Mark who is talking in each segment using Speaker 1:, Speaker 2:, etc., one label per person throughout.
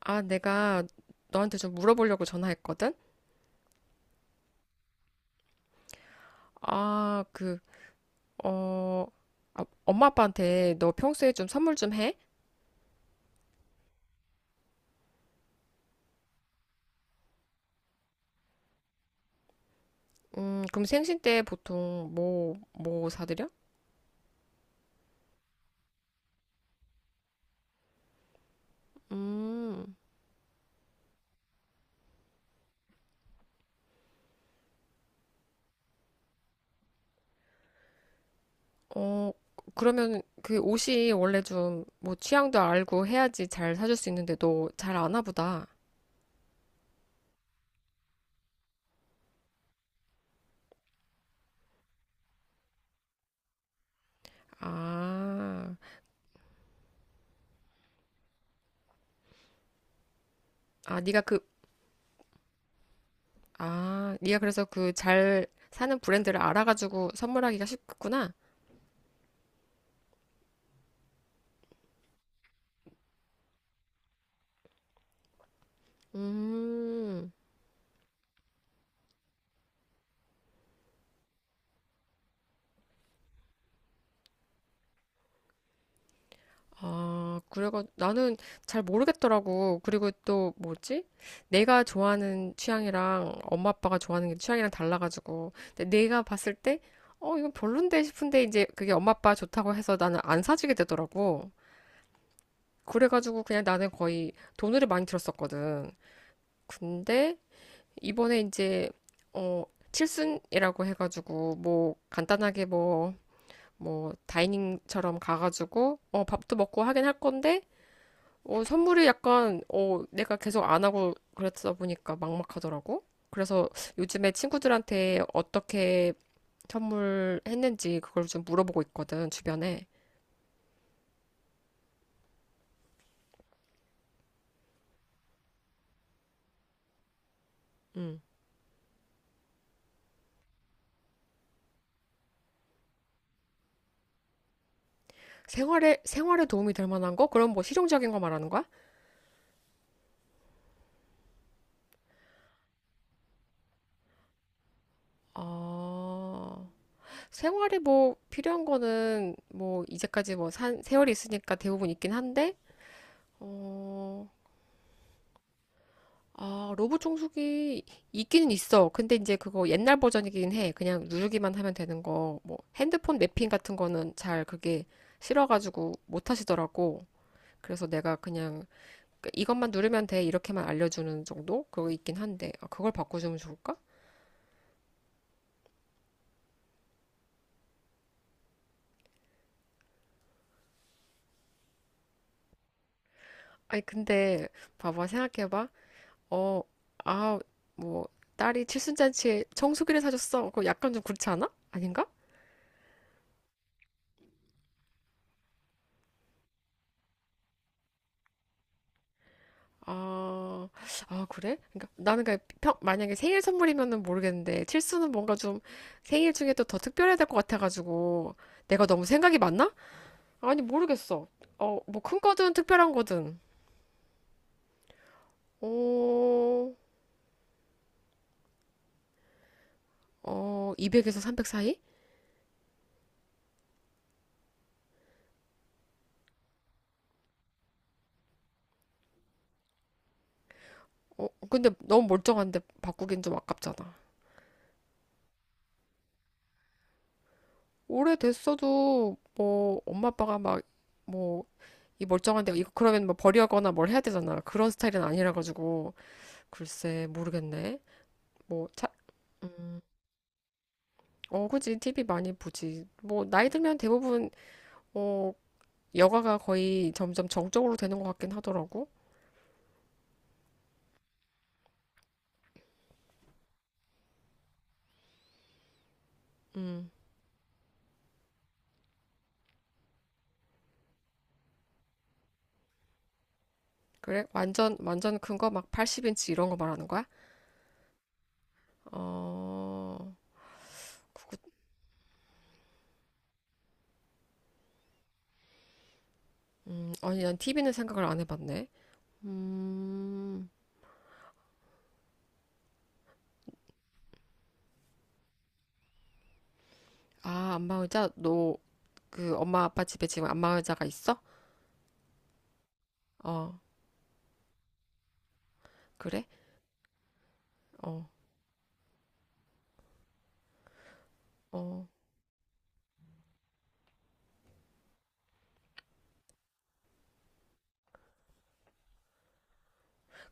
Speaker 1: 아, 내가 너한테 좀 물어보려고 전화했거든? 아, 그, 어, 엄마 아빠한테 너 평소에 좀 선물 좀 해? 그럼 생신 때 보통 뭐 사드려? 음. 어, 그러면 그 옷이 원래 좀 뭐 취향도 알고 해야지 잘 사줄 수 있는데 너 잘 아나 보다. 아, 아, 네가 그, 네가 그래서 그 잘 사는 브랜드를 알아가지고 선물하기가 쉽구나. 음. 아, 그래가 나는 잘 모르겠더라고. 그리고 또 뭐지? 내가 좋아하는 취향이랑 엄마 아빠가 좋아하는 게 취향이랑 달라가지고. 근데 내가 봤을 때, 이건 별론데 싶은데 이제 그게 엄마 아빠 좋다고 해서 나는 안 사주게 되더라고. 그래가지고 그냥 나는 거의 돈을 많이 들었었거든. 근데 이번에 이제 어, 칠순이라고 해가지고 뭐 간단하게 뭐 다이닝처럼 가가지고 밥도 먹고 하긴 할 건데 선물이 약간, 내가 계속 안 하고 그랬다 보니까 막막하더라고. 그래서 요즘에 친구들한테 어떻게 선물했는지 그걸 좀 물어보고 있거든, 주변에. 음. 생활에 도움이 될 만한 거? 그럼 뭐 실용적인 거 말하는 거야? 아, 생활에 뭐 필요한 거는 뭐 이제까지 세월이 있으니까 대부분 있긴 한데, 어, 로브 청소기 있기는 있어. 근데 이제 그거 옛날 버전이긴 해. 그냥 누르기만 하면 되는 거. 뭐 핸드폰 매핑 같은 거는 잘 그게 싫어가지고 못 하시더라고. 그래서 내가 그냥 그 이것만 누르면 돼. 이렇게만 알려주는 정도? 그거 있긴 한데. 아, 그걸 바꿔주면 좋을까? 아니, 근데 봐봐. 생각해봐. 어, 아, 뭐 딸이 칠순잔치에 청소기를 사줬어. 그거 약간 좀 그렇지 않아? 아닌가? 아, 아, 그래? 그러니까 나는 그냥 만약에 생일 선물이면은 모르겠는데 칠수는 뭔가 좀 생일 중에 또 더 특별해야 될 것 같아가지고 내가 너무 생각이 많나? 아니 모르겠어. 뭐 큰 거든 특별한 거든. 어, 200에서 300 사이? 근데 너무 멀쩡한데 바꾸긴 좀 아깝잖아. 오래됐어도 뭐 엄마 아빠가 막 뭐 이 멀쩡한데 이거 그러면 뭐 버리거나 뭘 해야 되잖아. 그런 스타일은 아니라 가지고 글쎄 모르겠네. 뭐 차, 음, 그지. TV 많이 보지. 뭐, 나이 들면 대부분, 어, 여가가 거의 점점 정적으로 되는 것 같긴 하더라고. 음, 그래? 완전, 완전 큰 거? 막 80인치 이런 거 말하는 거야? 어, 그거, 아니, 난 TV는 생각을 안 해봤네. 음, 안마 의자? 너, 그, 엄마 아빠 집에 지금 안마 의자가 있어? 어, 그래? 어, 어.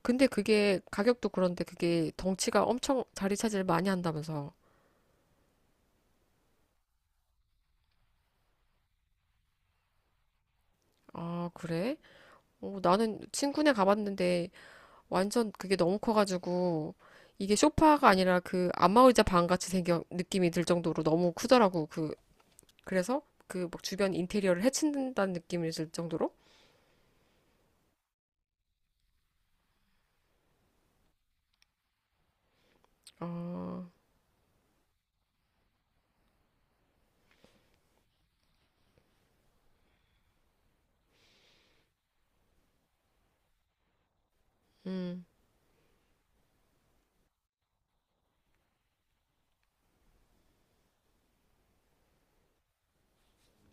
Speaker 1: 근데 그게, 가격도 그런데 그게 덩치가 엄청 자리 차지를 많이 한다면서. 아, 그래? 나는 친구네 가봤는데 완전 그게 너무 커가지고 이게 소파가 아니라 그 안마의자 방 같이 생겨 느낌이 들 정도로 너무 크더라고. 그래서 그 막 주변 인테리어를 해친다는 느낌이 들 정도로. 아, 음,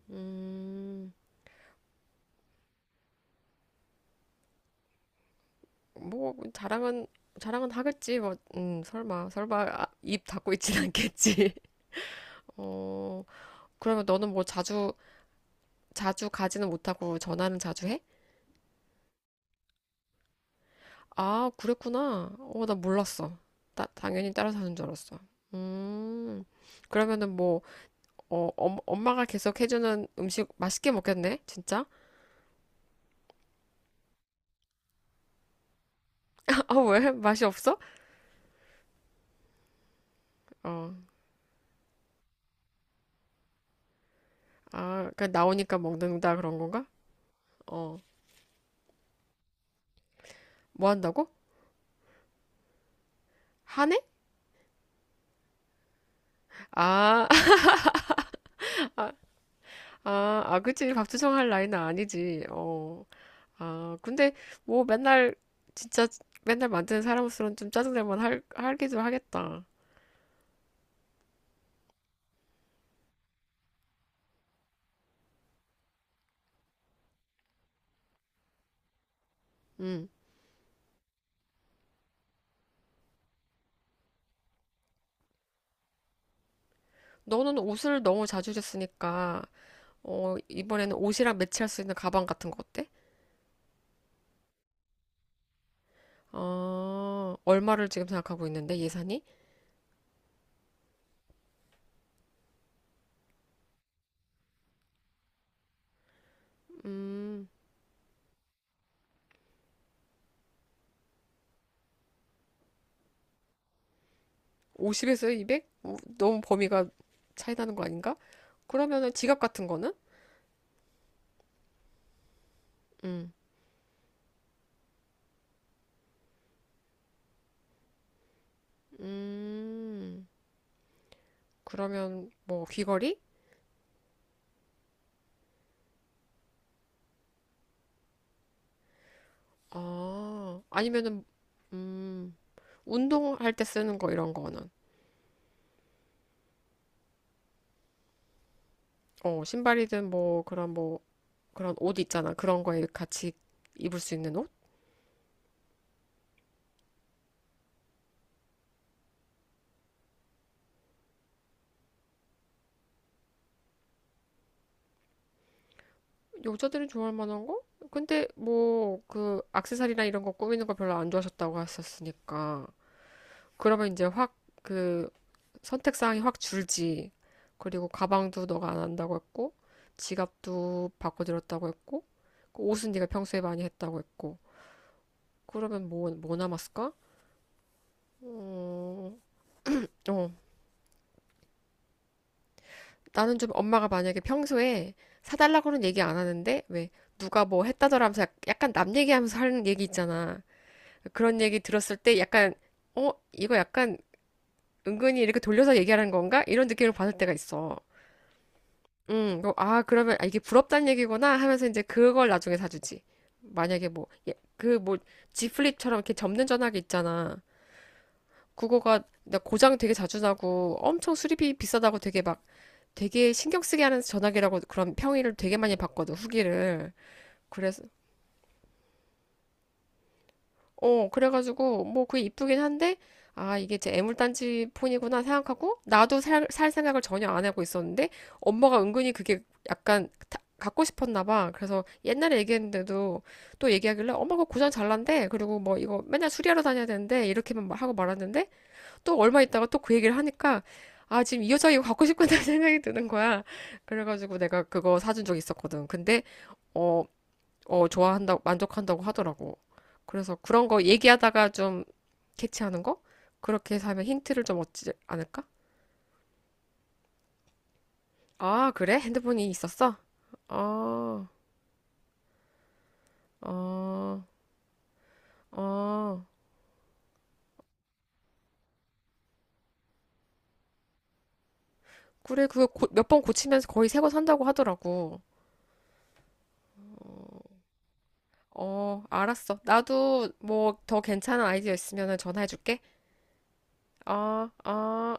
Speaker 1: 음, 뭐 자랑은 자랑은 하겠지 뭐, 설마 설마 입 닫고 있진 않겠지. 어, 그러면 너는 뭐 자주 자주 가지는 못하고 전화는 자주 해? 아, 그랬구나. 나 몰랐어. 당연히 따라 사는 줄 알았어. 음, 그러면은 뭐, 엄마가 계속 해주는 음식 맛있게 먹겠네? 진짜? 아, 왜? 맛이 없어? 어, 그 나오니까 먹는다 그런 건가? 어, 뭐 한다고? 하네? 아, 아, 아, 그치. 밥투정 할 나이는 아니지. 근데 뭐 맨날, 진짜 맨날 만드는 사람으로서는 좀 짜증날 만 하기도 하겠다. 음. 너는 옷을 너무 자주 줬으니까, 이번에는 옷이랑 매치할 수 있는 가방 같은 거 어때? 아, 얼마를 지금 생각하고 있는데, 예산이? 음, 50에서 200? 너무 범위가 차이 나는 거 아닌가? 그러면은 지갑 같은 거는? 음, 음, 그러면 뭐 귀걸이? 아, 아니면은, 음, 운동할 때 쓰는 거 이런 거는? 신발이든 뭐 그런 뭐, 그런 옷 있잖아. 그런 거에 같이 입을 수 있는 옷? 여자들이 좋아할 만한 거? 근데 뭐 그 액세서리나 이런 거 꾸미는 거 별로 안 좋아하셨다고 하셨으니까 그러면 이제 확 그 선택 사항이 확 줄지. 그리고 가방도 너가 안 한다고 했고 지갑도 바꿔드렸다고 했고 그 옷은 네가 평소에 많이 했다고 했고 그러면 뭐 남았을까? 음, 어 어, 나는 좀 엄마가 만약에 평소에 사달라고는 얘기 안 하는데 왜 누가 뭐 했다더라 하면서 약간 남 얘기하면서 하는 얘기 있잖아. 그런 얘기 들었을 때 약간, 이거 약간 은근히 이렇게 돌려서 얘기하는 건가? 이런 느낌을 받을 때가 있어. 그러면 이게 부럽다는 얘기구나 하면서 이제 그걸 나중에 사주지. 만약에 뭐, 예, 그 뭐, G 플립처럼 이렇게 접는 전화기 있잖아. 그거가 나 고장 되게 자주 나고 엄청 수리비 비싸다고 되게 신경 쓰게 하는 전화기라고 그런 평이를 되게 많이 받거든, 후기를. 그래서 그래가지고, 뭐, 그게 이쁘긴 한데, 아, 이게 제 애물단지 폰이구나 생각하고, 나도 살 생각을 전혀 안 하고 있었는데, 엄마가 은근히 그게 약간 갖고 싶었나 봐. 그래서 옛날에 얘기했는데도 또 얘기하길래, 엄마 그거 고장 잘 난대. 그리고 뭐, 이거 맨날 수리하러 다녀야 되는데, 이렇게만 막 하고 말았는데, 또 얼마 있다가 또 그 얘기를 하니까, 아, 지금 이 여자 이거 갖고 싶구나 생각이 드는 거야. 그래가지고 내가 그거 사준 적 있었거든. 근데, 어, 좋아한다고, 만족한다고 하더라고. 그래서 그런 거 얘기하다가 좀 캐치하는 거? 그렇게 해서 하면 힌트를 좀 얻지 않을까? 아, 그래? 핸드폰이 있었어? 어, 어, 어. 그래, 그거 몇번 고치면서 거의 새 거 산다고 하더라고. 어, 알았어. 나도 뭐 더 괜찮은 아이디어 있으면 전화해줄게. 어, 어.